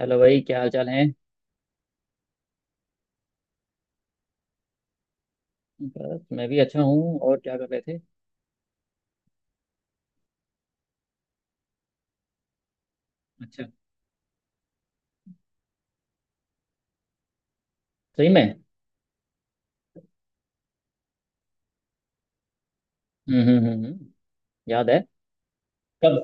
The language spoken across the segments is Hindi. हेलो भाई, क्या हाल चाल है? बस मैं भी अच्छा हूँ। और क्या कर रहे थे? अच्छा। सही में? हम्म। हम्म। हम्म। याद है। कब?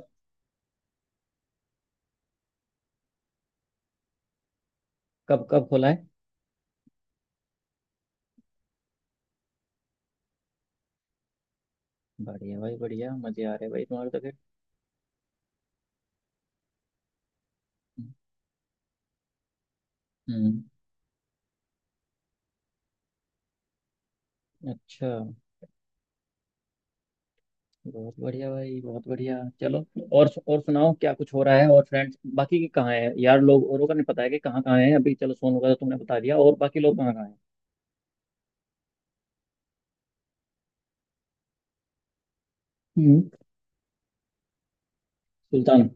कब कब खोला है? बढ़िया भाई, बढ़िया। मजे आ रहे भाई तुम्हारे तो फिर। हम्म। अच्छा। बहुत बढ़िया भाई, बहुत बढ़िया। चलो। और सुनाओ, क्या कुछ हो रहा है? और फ्रेंड्स बाकी के कहाँ है यार? लोग औरों का नहीं पता है कि कहाँ कहाँ है अभी। चलो, सोनू का तो तुमने बता दिया। और बाकी लोग कहाँ कहाँ है? हम्म। सुल्तान।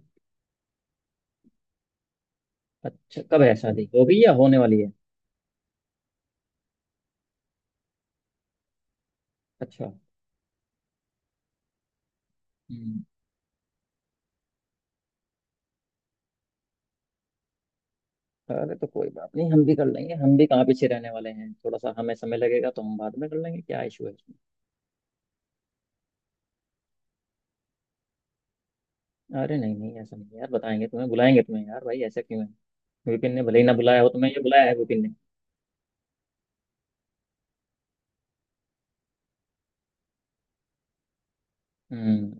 अच्छा, कब है शादी? हो गई या होने वाली है? अच्छा। हम्म। अरे तो कोई बात नहीं, हम भी कर लेंगे। हम भी कहाँ पीछे रहने वाले हैं? थोड़ा सा हमें समय लगेगा तो हम बाद में कर लेंगे। क्या इशू है इसमें? अरे नहीं नहीं, ऐसा नहीं है यार। बताएंगे तुम्हें, बुलाएंगे तुम्हें यार। भाई ऐसा क्यों है? विपिन ने भले ही ना बुलाया हो तुम्हें, ये बुलाया है विपिन ने। हम्म।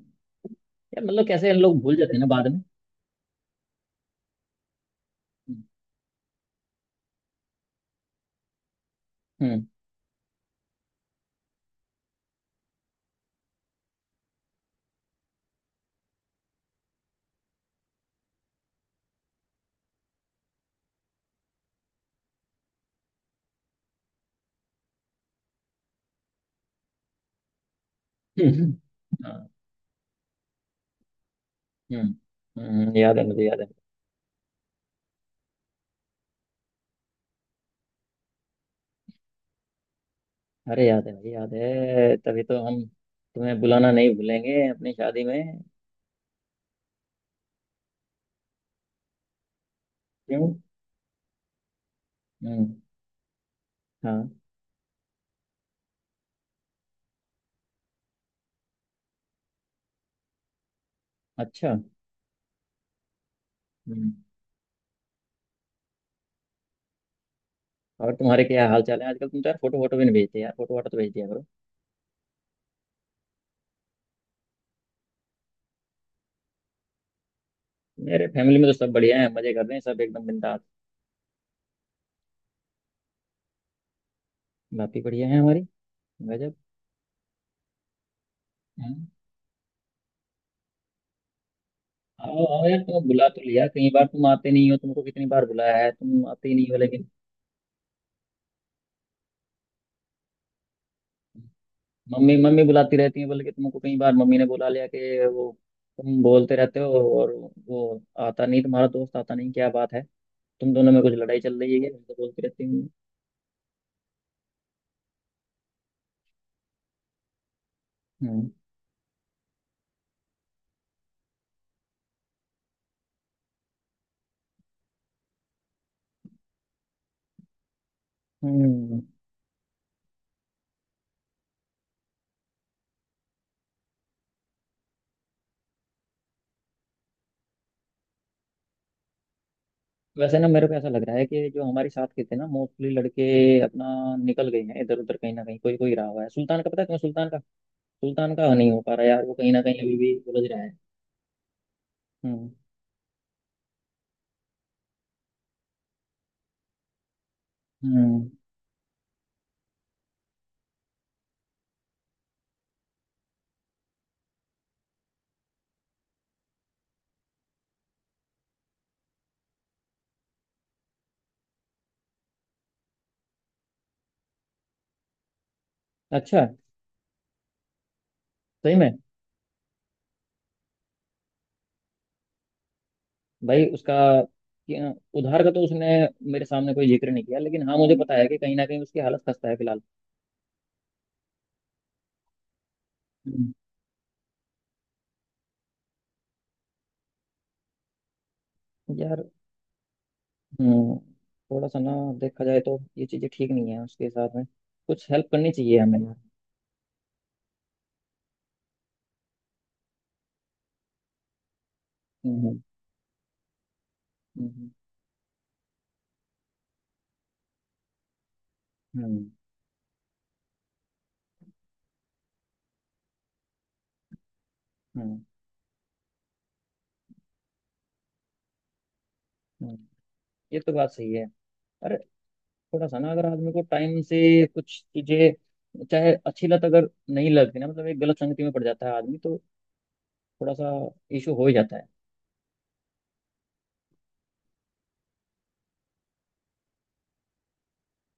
यार मतलब कैसे इन लोग भूल जाते हैं ना बाद में। हम्म। हम्म। हाँ। हम्म। याद है। मुझे याद है। अरे याद है भाई, याद है। तभी तो हम तुम्हें बुलाना नहीं भूलेंगे अपनी शादी में। क्यों? हम्म। हाँ। अच्छा। हम्म। और तुम्हारे क्या हाल चाल है आजकल? तुम तो यार फोटो फोटो भी नहीं भेजते यार, फोटो वाटो तो भेज दिया करो। मेरे फैमिली में तो सब बढ़िया है। मजे कर रहे हैं सब एकदम बिंदास। बाकी बढ़िया है हमारी। गजब। हाँ। आओ आओ यार, तुम बुला तो लिया कई बार, तुम आते नहीं हो। तुमको कितनी बार बुलाया है, तुम आते ही नहीं हो लेकिन। मम्मी मम्मी बुलाती रहती है, बल्कि तुमको कई बार मम्मी ने बुला लिया कि वो तुम बोलते रहते हो और वो आता नहीं तुम्हारा दोस्त। आता नहीं, क्या बात है? तुम दोनों में कुछ लड़ाई चल रही है क्या? ऐसे बोलती रहती हूँ। हम्म। हम्म। वैसे ना मेरे को ऐसा लग रहा है कि जो हमारे साथ के थे ना, मोस्टली लड़के अपना निकल गए हैं इधर उधर। कहीं ना कहीं कोई कोई रहा हुआ है। सुल्तान का पता है तुम्हें? सुल्तान का? सुल्तान का नहीं हो पा रहा यार, वो कहीं ना कहीं अभी भी उलझ रहा है। हम्म। हम्म। अच्छा। सही में? भाई उसका, कि- उधार का तो उसने मेरे सामने कोई जिक्र नहीं किया, लेकिन हाँ, मुझे पता है कि कहीं ना कहीं उसकी हालत खस्ता है फिलहाल। हम्म। यार। हम्म। थोड़ा सा ना, देखा जाए तो ये चीजें ठीक नहीं है उसके साथ में। कुछ हेल्प करनी चाहिए हमें यार। हम्म। हम्म। हम्म। हम्म। हम्म। हम्म। ये तो बात सही है। अरे, थोड़ा सा ना, अगर आदमी को टाइम से कुछ चीजें चाहे अच्छी लत अगर नहीं लगती ना, मतलब एक गलत संगति में पड़ जाता है आदमी तो थोड़ा सा इशू हो ही जाता है।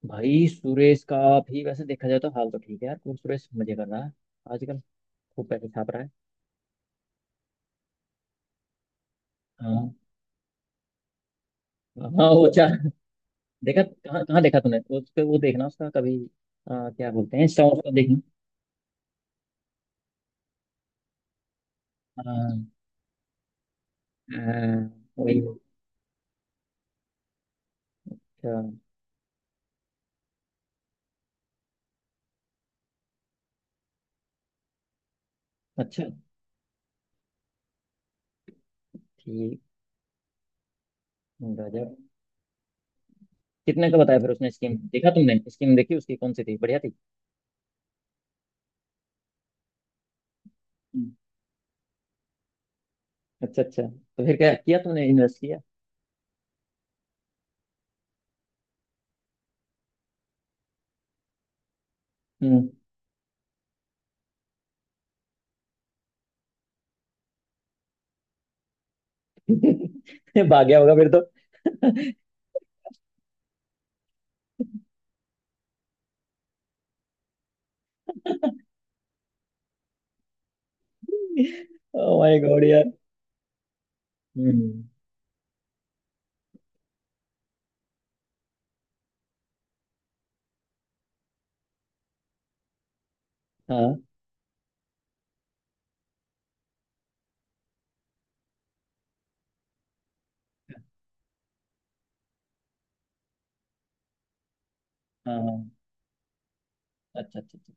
भाई सुरेश का भी वैसे देखा जाए तो हाल तो ठीक है यार, कुछ सुरेश मजे कर रहा है आजकल। खूब पैसे छाप रहा है। हाँ। हाँ, वो चार। देखा कहाँ कहाँ देखा तूने उसके? वो देखना उसका कभी, क्या बोलते हैं, इंस्टा उसका देखना। हाँ। हाँ, वही। अच्छा। अच्छा, ठीक। गजब। कितने का बताया फिर उसने स्कीम? देखा तुमने स्कीम, देखी उसकी कौन सी थी, बढ़िया थी? हम्म। अच्छा अच्छा, तो फिर क्या किया तुमने? इन्वेस्ट किया? हम्म। भाग गया होगा फिर तो। ओ माय गॉड यार। हम्म। हाँ। हाँ। हाँ। अच्छा अच्छा अच्छा,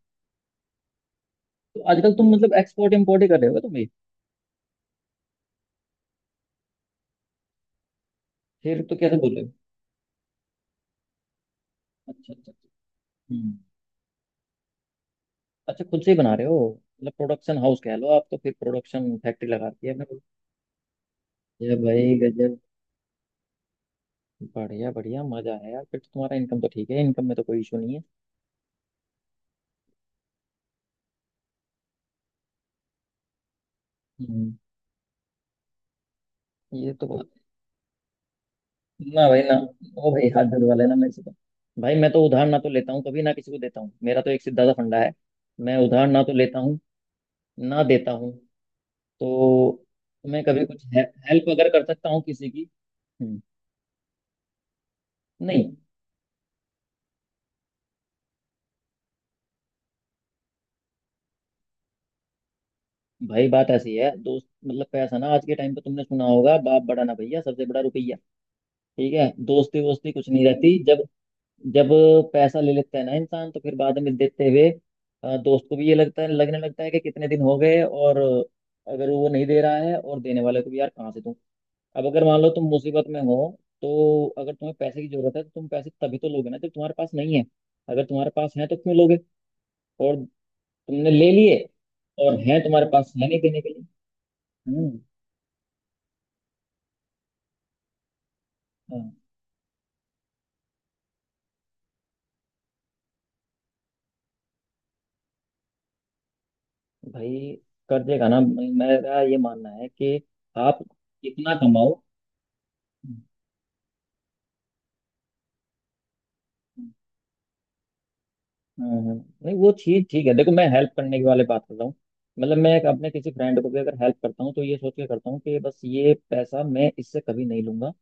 तो आजकल तुम मतलब एक्सपोर्ट इम्पोर्ट ही कर रहे हो तुम भी? फिर तो कैसे बोल रहे हो? अच्छा अच्छा अच्छा। हम्म। अच्छा, खुद से ही बना रहे हो? मतलब प्रोडक्शन हाउस कह लो आप तो। फिर प्रोडक्शन फैक्ट्री लगा रखी है आपने। ये भाई गजब। बढ़िया बढ़िया, मजा है यार फिर तो। तुम्हारा इनकम तो ठीक है, इनकम में तो कोई इशू नहीं है। हम्म। ये तो ना भाई ना। ओ भाई, हाथ धुलवा लेना मेरे से तो। भाई मैं तो उधार ना तो लेता हूँ, कभी ना किसी को देता हूँ। मेरा तो एक सीधा सा फंडा है, मैं उधार ना तो लेता हूँ, ना देता हूँ। तो मैं कभी कुछ हेल्प अगर कर सकता हूँ किसी की। हम्म। नहीं भाई, बात ऐसी है, दोस्त मतलब पैसा ना, आज के टाइम पे तुमने सुना होगा, बाप बड़ा ना भैया, सबसे बड़ा रुपया। ठीक है, दोस्ती वोस्ती कुछ नहीं रहती जब, जब पैसा ले लेता है ना इंसान तो फिर बाद में देते हुए दोस्त को भी ये लगता है, लगने लगता है कि कितने दिन हो गए। और अगर वो नहीं दे रहा है, और देने वाले को भी यार कहाँ से दूं। अब अगर मान लो तुम मुसीबत में हो, तो अगर तुम्हें पैसे की जरूरत है तो तुम पैसे तभी तो लोगे ना जब तुम्हारे पास नहीं है। अगर तुम्हारे पास है तो क्यों लोगे? और तुमने ले लिए और है तुम्हारे पास, है नहीं देने के लिए। हम्म। हाँ। भाई कर देगा ना, मेरा ये मानना है कि आप कितना कमाओ। हम्म, नहीं वो चीज ठीक है। देखो, मैं हेल्प करने की वाले बात कर रहा हूँ। मतलब मैं एक अपने किसी फ्रेंड को भी अगर हेल्प करता हूँ तो ये सोच के करता हूँ कि बस ये पैसा मैं इससे कभी नहीं लूंगा।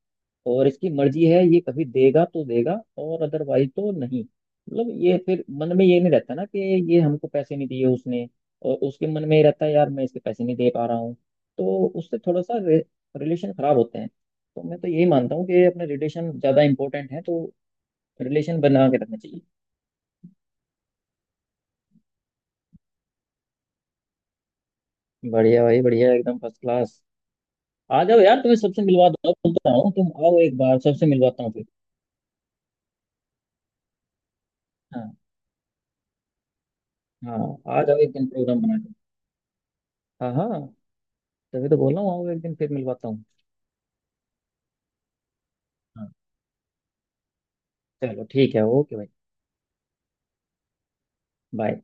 और इसकी मर्जी है, ये कभी देगा तो देगा और अदरवाइज तो नहीं। मतलब ये फिर मन में ये नहीं रहता ना कि ये हमको पैसे नहीं दिए उसने। और उसके मन में ये रहता है यार, मैं इसके पैसे नहीं दे पा रहा हूँ। तो उससे थोड़ा सा रिलेशन खराब होते हैं। तो मैं तो यही मानता हूँ कि अपने रिलेशन ज्यादा इंपॉर्टेंट है, तो रिलेशन बना के रखना चाहिए। बढ़िया भाई बढ़िया, एकदम फर्स्ट क्लास। आ जाओ यार, तुम्हें सबसे मिलवा दो बोलता हूँ। तुम आओ एक बार, सबसे मिलवाता हूँ फिर। हाँ। हाँ, आ जाओ एक दिन प्रोग्राम बना के। हाँ। हाँ, तभी तो बोल रहा हूँ, आओ एक दिन, फिर मिलवाता हूँ। हाँ। चलो ठीक है, ओके भाई। बाय।